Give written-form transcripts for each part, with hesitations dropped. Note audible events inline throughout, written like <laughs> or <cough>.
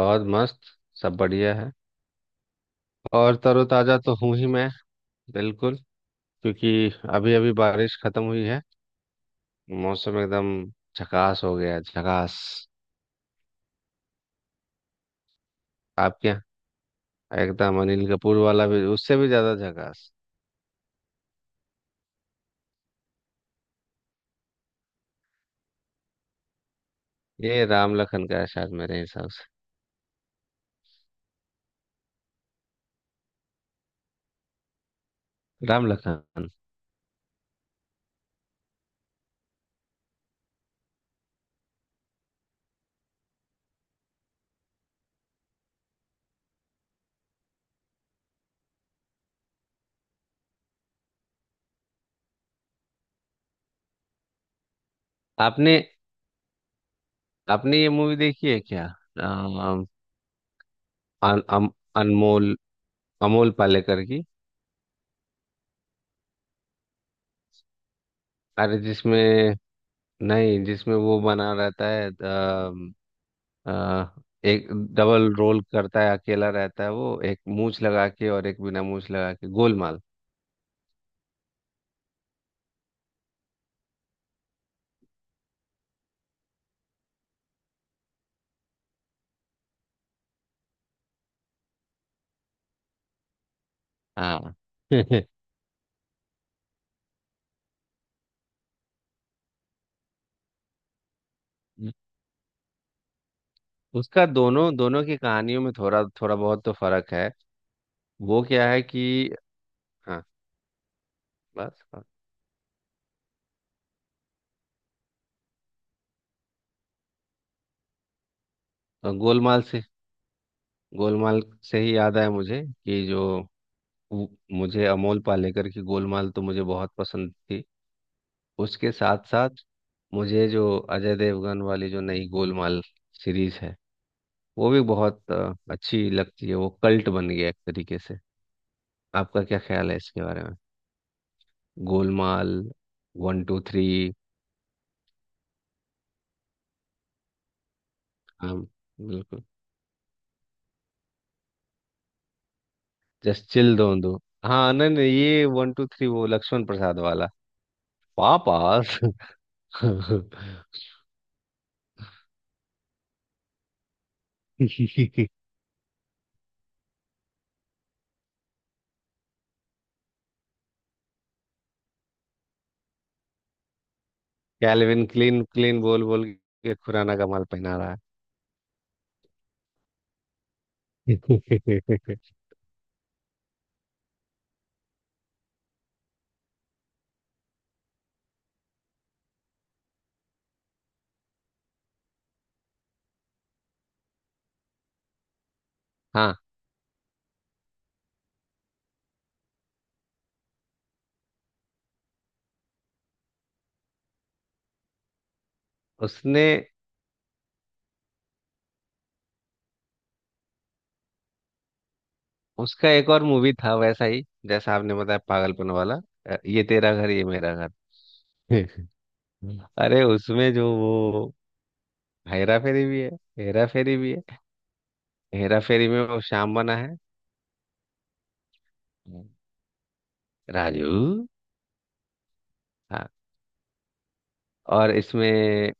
बहुत मस्त। सब बढ़िया है। और तरोताजा तो हूँ ही मैं। बिल्कुल। क्योंकि अभी अभी बारिश खत्म हुई है। मौसम एकदम झकास हो गया है, झकास। आप क्या, एकदम अनिल कपूर वाला भी, उससे भी ज्यादा झकास। ये राम लखन का है शायद मेरे हिसाब से। राम लखन। आपने आपने ये मूवी देखी है क्या? अम, अन, अम, अनमोल अमोल पालेकर की। अरे जिसमें, नहीं जिसमें वो बना रहता है, आ, एक डबल रोल करता है, अकेला रहता है वो, एक मूछ लगा के और एक बिना मूछ लगा के। गोलमाल। हाँ। <laughs> उसका दोनों दोनों की कहानियों में थोड़ा थोड़ा बहुत तो फर्क है। वो क्या है कि, हाँ, बस बस। और गोलमाल से ही याद आया मुझे कि जो वो- मुझे अमोल पालेकर की गोलमाल तो मुझे बहुत पसंद थी। उसके साथ साथ मुझे जो अजय देवगन वाली जो नई गोलमाल सीरीज है, वो भी बहुत अच्छी लगती है। वो कल्ट बन गया एक तरीके से। आपका क्या ख्याल है इसके बारे में? Golmaal one two three. हाँ बिल्कुल। जस्ट चिल दो दो। हाँ, नहीं नहीं, ये वन टू थ्री वो लक्ष्मण प्रसाद वाला। पापास। <laughs> कैल्विन क्लीन क्लीन बोल बोल के खुराना का माल पहना रहा है। <laughs> हाँ। उसने, उसका एक और मूवी था वैसा ही जैसा आपने बताया, पागलपन वाला। ये तेरा घर ये मेरा घर। <laughs> अरे उसमें जो वो, हेरा फेरी भी है। हेरा फेरी भी है। हेरा फेरी में वो श्याम बना है। हम्म। राजू। हाँ। और इसमें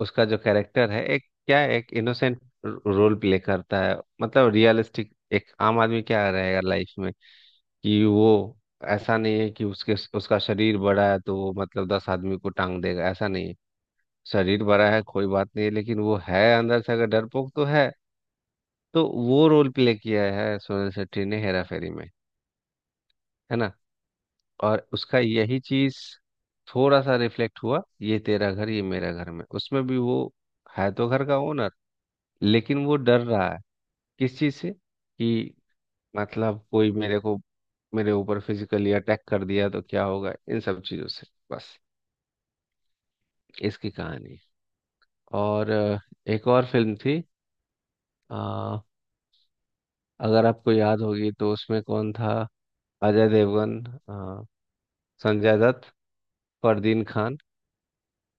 उसका जो कैरेक्टर है, एक क्या है, एक इनोसेंट रोल प्ले करता है। मतलब रियलिस्टिक, एक आम आदमी क्या रहेगा लाइफ में, कि वो, ऐसा नहीं है कि उसके उसका शरीर बड़ा है तो वो मतलब 10 आदमी को टांग देगा, ऐसा नहीं है। शरीर बड़ा है कोई बात नहीं है, लेकिन वो है अंदर से अगर डरपोक तो है। तो वो रोल प्ले किया है सोनल शेट्टी ने हेरा फेरी में, है ना। और उसका यही चीज थोड़ा सा रिफ्लेक्ट हुआ ये तेरा घर ये मेरा घर में। उसमें भी वो है तो घर का ओनर, लेकिन वो डर रहा है, किस चीज से कि मतलब कोई मेरे को, मेरे ऊपर फिजिकली अटैक कर दिया तो क्या होगा, इन सब चीजों से। बस, इसकी कहानी है। और एक और फिल्म थी, अ, अगर आपको याद होगी तो उसमें कौन था, अजय देवगन, अ, संजय दत्त, फरदीन खान,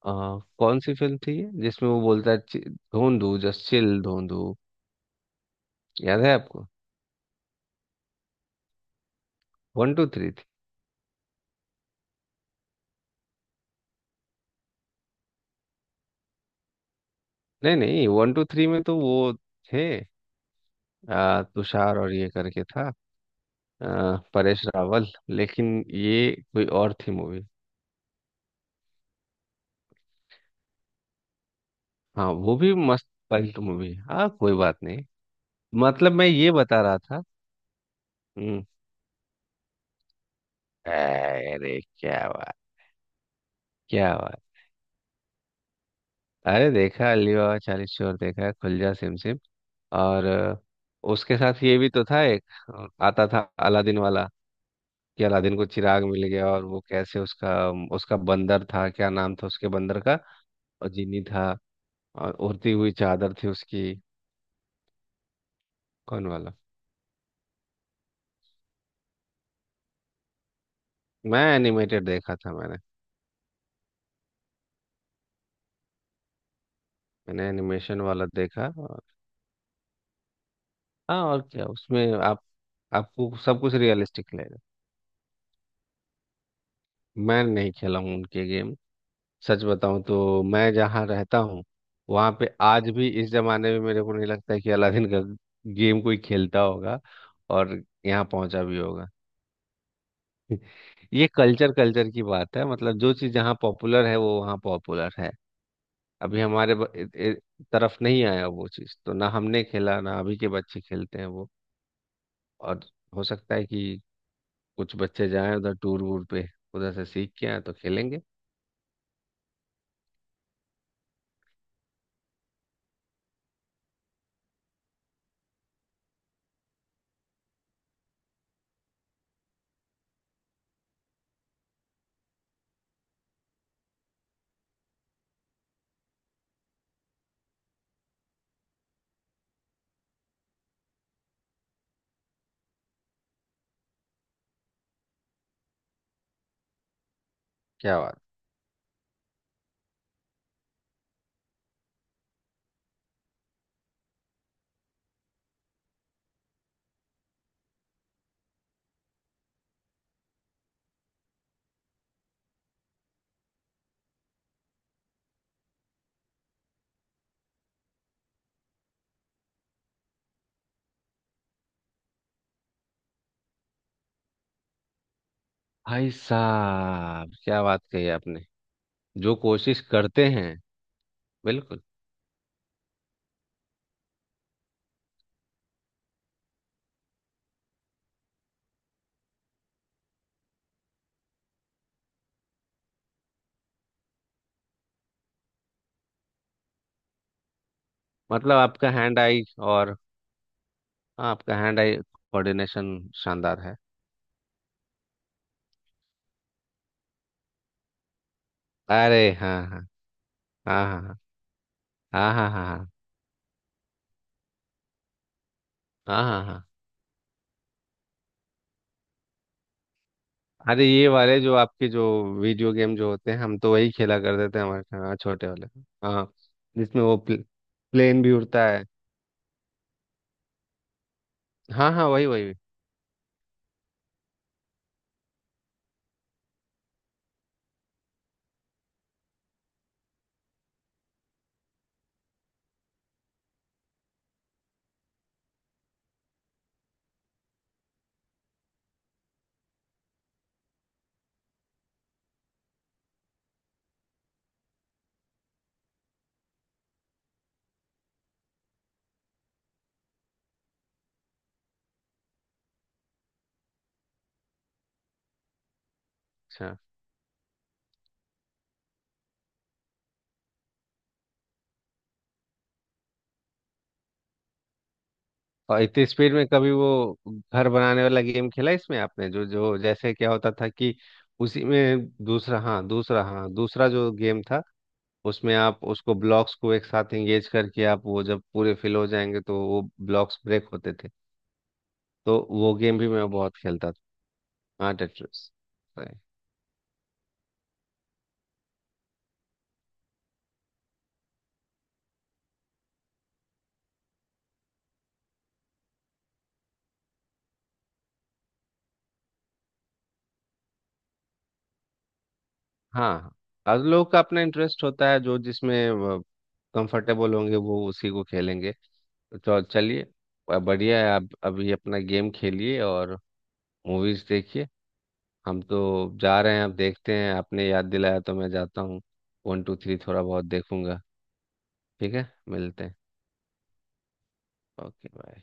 अ, कौन सी फिल्म थी ये जिसमें वो बोलता है धोंधू जस्ट चिल धोंधू"। याद है आपको? वन टू थ्री थी। नहीं नहीं, वन टू थ्री में तो वो थे तुषार और ये करके था, अ, परेश रावल। लेकिन ये कोई और थी मूवी। हाँ वो भी मस्त पल्ट मूवी, हाँ कोई बात नहीं। मतलब मैं ये बता रहा था। हम्म। अरे क्या बात, क्या बात। अरे देखा, अली बाबा चालीस चोर देखा, खुल जा सिम सिम। और उसके साथ ये भी तो था, एक आता था अलादीन वाला, कि अलादीन को चिराग मिल गया और वो कैसे उसका, उसका बंदर था, क्या नाम था उसके बंदर का? और जीनी था, और उड़ती हुई चादर थी उसकी। कौन वाला? मैं एनिमेटेड देखा था मैंने। मैंने एनिमेशन वाला देखा और, हाँ और क्या उसमें आप आपको सब कुछ रियलिस्टिक लगेगा। मैं नहीं खेला हूँ उनके गेम। सच बताऊं तो मैं जहाँ रहता हूँ, वहां पे आज भी इस जमाने में मेरे को नहीं लगता है कि अलादीन का गेम कोई खेलता होगा और यहाँ पहुंचा भी होगा। <laughs> ये कल्चर कल्चर की बात है, मतलब जो चीज़ जहाँ पॉपुलर है वो वहाँ पॉपुलर है। अभी हमारे तरफ नहीं आया वो चीज़, तो ना हमने खेला ना अभी के बच्चे खेलते हैं वो। और हो सकता है कि कुछ बच्चे जाएं उधर टूर वूर पे, उधर से सीख के आए तो खेलेंगे। क्या बात, भाई साहब क्या बात कही आपने। जो कोशिश करते हैं, बिल्कुल। मतलब आपका हैंड आई और, हाँ, आपका हैंड आई कोऑर्डिनेशन शानदार है। अरे हाँ हाँ हाँ हाँ हाँ, हाँ हाँ हाँ हाँ, हाँ हाँ हाँ अरे ये वाले जो आपके जो वीडियो गेम जो होते हैं, हम तो वही खेला करते थे हमारे यहाँ छोटे वाले। हाँ, जिसमें वो प्लेन भी उड़ता है। हाँ हाँ वही वही। अच्छा। और इतनी स्पीड में कभी वो घर बनाने वाला गेम खेला इसमें आपने, जो जो जैसे क्या होता था कि, उसी में दूसरा, हाँ दूसरा, हाँ दूसरा जो गेम था, उसमें आप उसको ब्लॉक्स को एक साथ एंगेज करके आप वो जब पूरे फिल हो जाएंगे तो वो ब्लॉक्स ब्रेक होते थे। तो वो गेम भी मैं बहुत खेलता था। हाँ टेट्रिस। हाँ हाँ। हर लोग का अपना इंटरेस्ट होता है, जो जिसमें कंफर्टेबल होंगे वो उसी को खेलेंगे। तो चलिए, बढ़िया है, आप अभी अपना गेम खेलिए और मूवीज देखिए। हम तो जा रहे हैं, अब देखते हैं, आपने याद दिलाया तो मैं जाता हूँ, वन टू थ्री थोड़ा बहुत देखूंगा। ठीक है, मिलते हैं। Okay bye.